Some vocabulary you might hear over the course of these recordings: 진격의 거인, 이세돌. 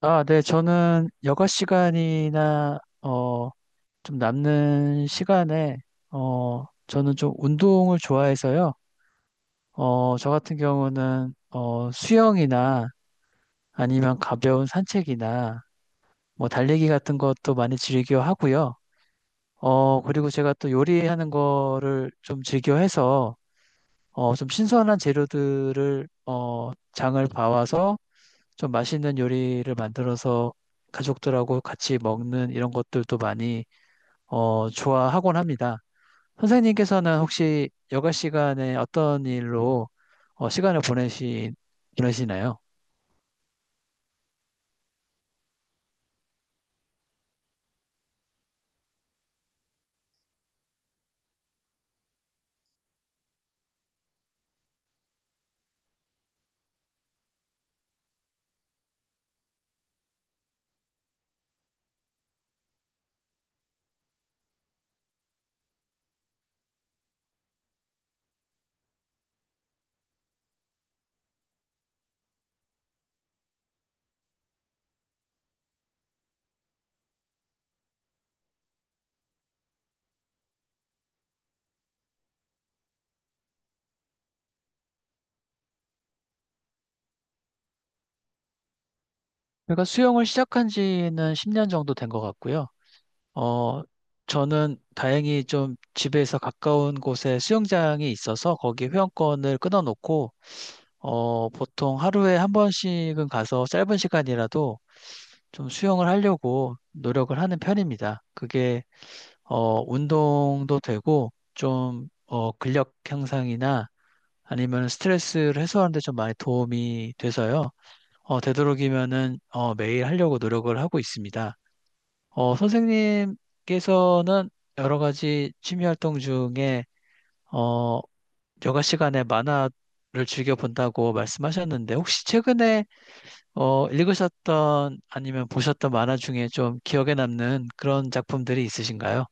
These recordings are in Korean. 아, 네, 저는 여가 시간이나, 좀 남는 시간에, 저는 좀 운동을 좋아해서요. 저 같은 경우는, 수영이나 아니면 가벼운 산책이나 뭐 달리기 같은 것도 많이 즐겨 하고요. 그리고 제가 또 요리하는 거를 좀 즐겨 해서, 좀 신선한 재료들을, 장을 봐와서 좀 맛있는 요리를 만들어서 가족들하고 같이 먹는 이런 것들도 많이 좋아하곤 합니다. 선생님께서는 혹시 여가 시간에 어떤 일로 시간을 보내시나요? 제가 수영을 시작한 지는 10년 정도 된 것 같고요. 어, 저는 다행히 좀 집에서 가까운 곳에 수영장이 있어서 거기 회원권을 끊어놓고 보통 하루에 한 번씩은 가서 짧은 시간이라도 좀 수영을 하려고 노력을 하는 편입니다. 그게 운동도 되고 좀 근력 향상이나 아니면 스트레스를 해소하는 데 좀 많이 도움이 돼서요. 되도록이면은 매일 하려고 노력을 하고 있습니다. 선생님께서는 여러 가지 취미 활동 중에 어, 여가 시간에 만화를 즐겨 본다고 말씀하셨는데 혹시 최근에 읽으셨던 아니면 보셨던 만화 중에 좀 기억에 남는 그런 작품들이 있으신가요?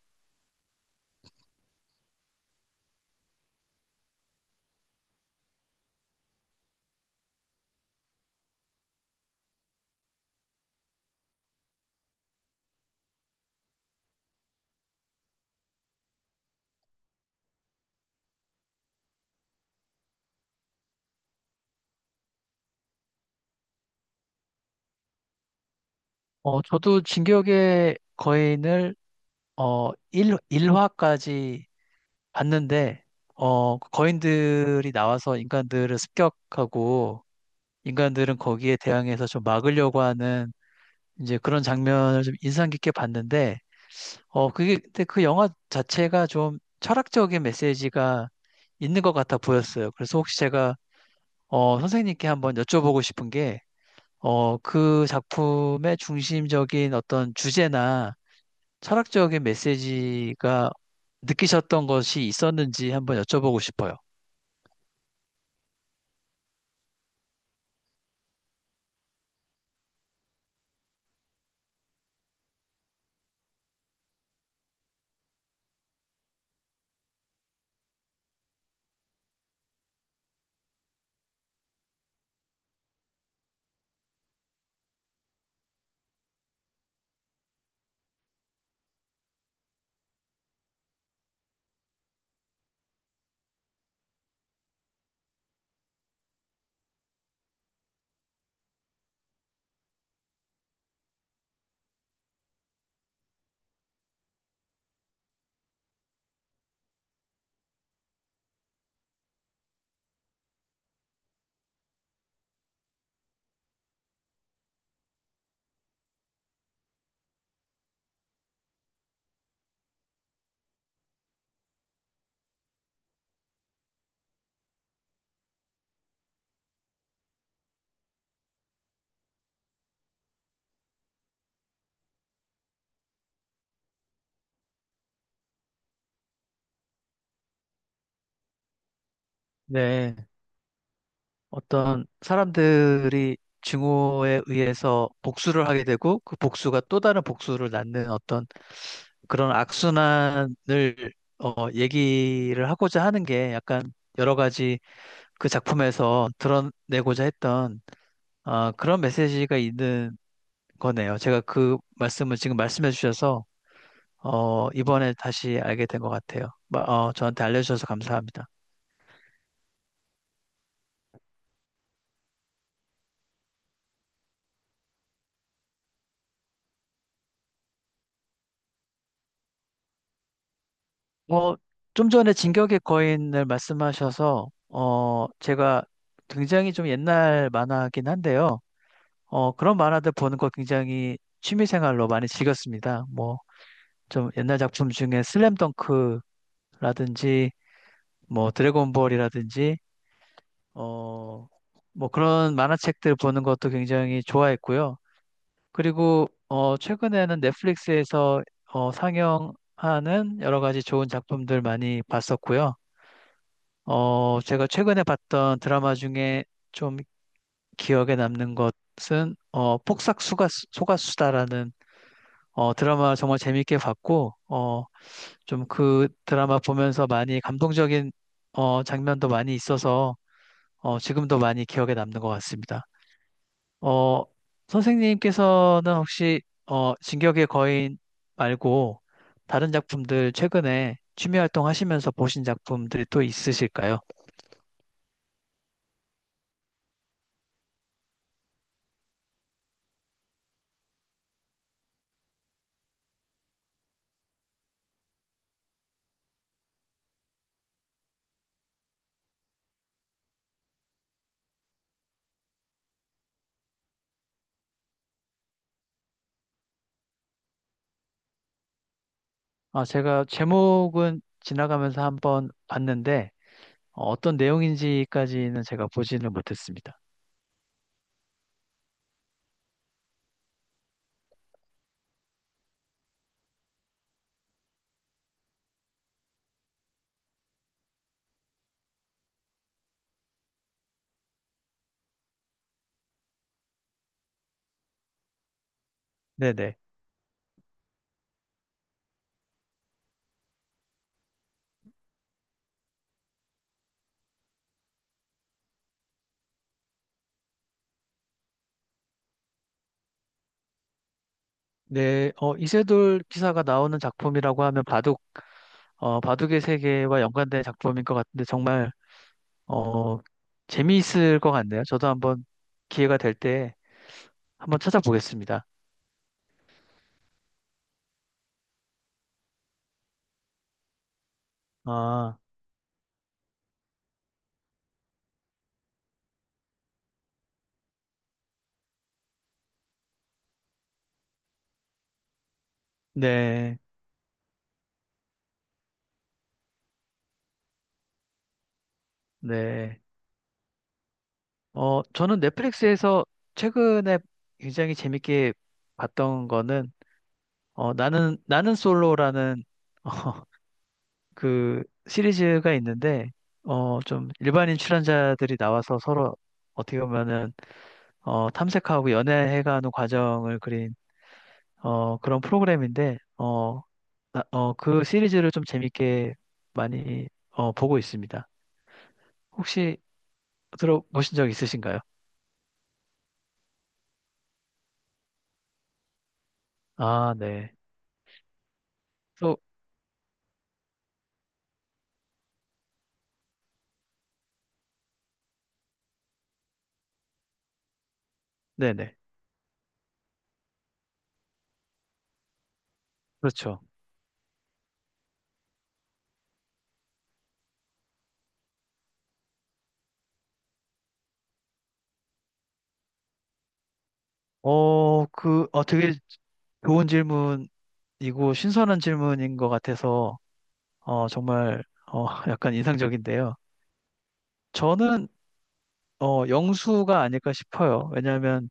저도 진격의 거인을 1, 화까지 봤는데 그 거인들이 나와서 인간들을 습격하고 인간들은 거기에 대항해서 좀 막으려고 하는 이제 그런 장면을 좀 인상 깊게 봤는데 그게 근데 그 영화 자체가 좀 철학적인 메시지가 있는 것 같아 보였어요. 그래서 혹시 제가 선생님께 한번 여쭤보고 싶은 게, 그 작품의 중심적인 어떤 주제나 철학적인 메시지가 느끼셨던 것이 있었는지 한번 여쭤보고 싶어요. 네, 어떤 사람들이 증오에 의해서 복수를 하게 되고 그 복수가 또 다른 복수를 낳는 어떤 그런 악순환을 얘기를 하고자 하는 게 약간 여러 가지 그 작품에서 드러내고자 했던 아, 그런 메시지가 있는 거네요. 제가 그 말씀을 지금 말씀해 주셔서, 이번에 다시 알게 된 것 같아요. 저한테 알려주셔서 감사합니다. 어, 좀 전에 진격의 거인을 말씀하셔서, 제가 굉장히 좀 옛날 만화긴 한데요. 그런 만화들 보는 거 굉장히 취미생활로 많이 즐겼습니다. 뭐, 좀 옛날 작품 중에 슬램덩크라든지, 뭐, 드래곤볼이라든지, 어, 뭐 그런 만화책들 보는 것도 굉장히 좋아했고요. 그리고 최근에는 넷플릭스에서 상영하는 여러 가지 좋은 작품들 많이 봤었고요. 제가 최근에 봤던 드라마 중에 좀 기억에 남는 것은 폭삭 속았수다라는 드라마 정말 재밌게 봤고 좀 그 드라마 보면서 많이 감동적인 장면도 많이 있어서 지금도 많이 기억에 남는 것 같습니다. 어, 선생님께서는 혹시 진격의 거인 말고 다른 작품들 최근에 취미 활동하시면서 보신 작품들이 또 있으실까요? 아, 제가 제목은 지나가면서 한번 봤는데 떤 내용인지까지는 제가 보지는 못했습니다. 네네. 네, 이세돌 기사가 나오는 작품이라고 하면 바둑, 바둑의 세계와 연관된 작품인 것 같은데 정말 어, 재미있을 것 같네요. 저도 한번 기회가 될때 한번 찾아보겠습니다. 아, 네, 네. 저는 넷플릭스에서 최근에 굉장히 재밌게 봤던 거는, 나는 솔로라는, 어, 그 시리즈가 있는데, 좀 일반인 출연자들이 나와서 서로 어떻게 보면은, 탐색하고 연애해가는 과정을 그린, 그런 프로그램인데, 그 시리즈를 좀 재밌게 많이, 보고 있습니다. 혹시 들어보신 적 있으신가요? 아, 네. 또, 네네. 그렇죠. 되게 좋은 질문이고 신선한 질문인 것 같아서, 정말, 어, 약간 인상적인데요. 저는, 영수가 아닐까 싶어요. 왜냐하면,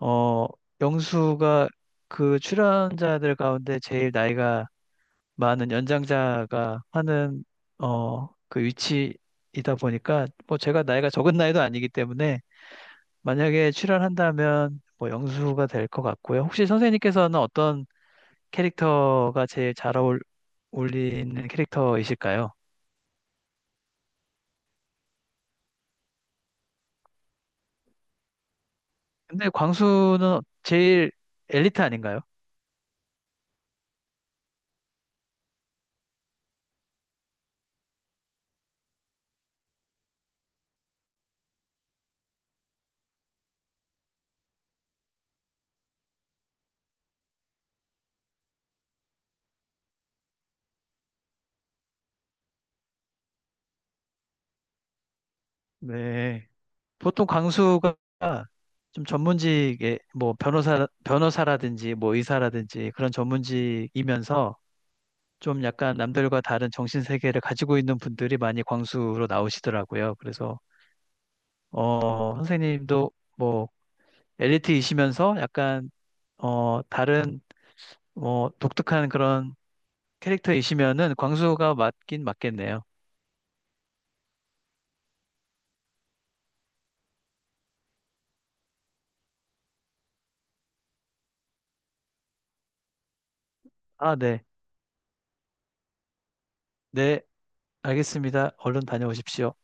어, 영수가 그 출연자들 가운데 제일 나이가 많은 연장자가 하는, 그 위치이다 보니까, 뭐 제가 나이가 적은 나이도 아니기 때문에, 만약에 출연한다면 뭐 영수가 될 것 같고요. 혹시 선생님께서는 어떤 캐릭터가 제일 잘 어울리는 캐릭터이실까요? 근데 광수는 제일 엘리트 아닌가요? 네. 보통 광수가 좀 전문직에 뭐 변호사라든지 뭐 의사라든지 그런 전문직이면서 좀 약간 남들과 다른 정신 세계를 가지고 있는 분들이 많이 광수로 나오시더라고요. 그래서 선생님도 뭐 엘리트이시면서 약간 다른 뭐 독특한 그런 캐릭터이시면은 광수가 맞긴 맞겠네요. 아, 네. 네, 알겠습니다. 얼른 다녀오십시오.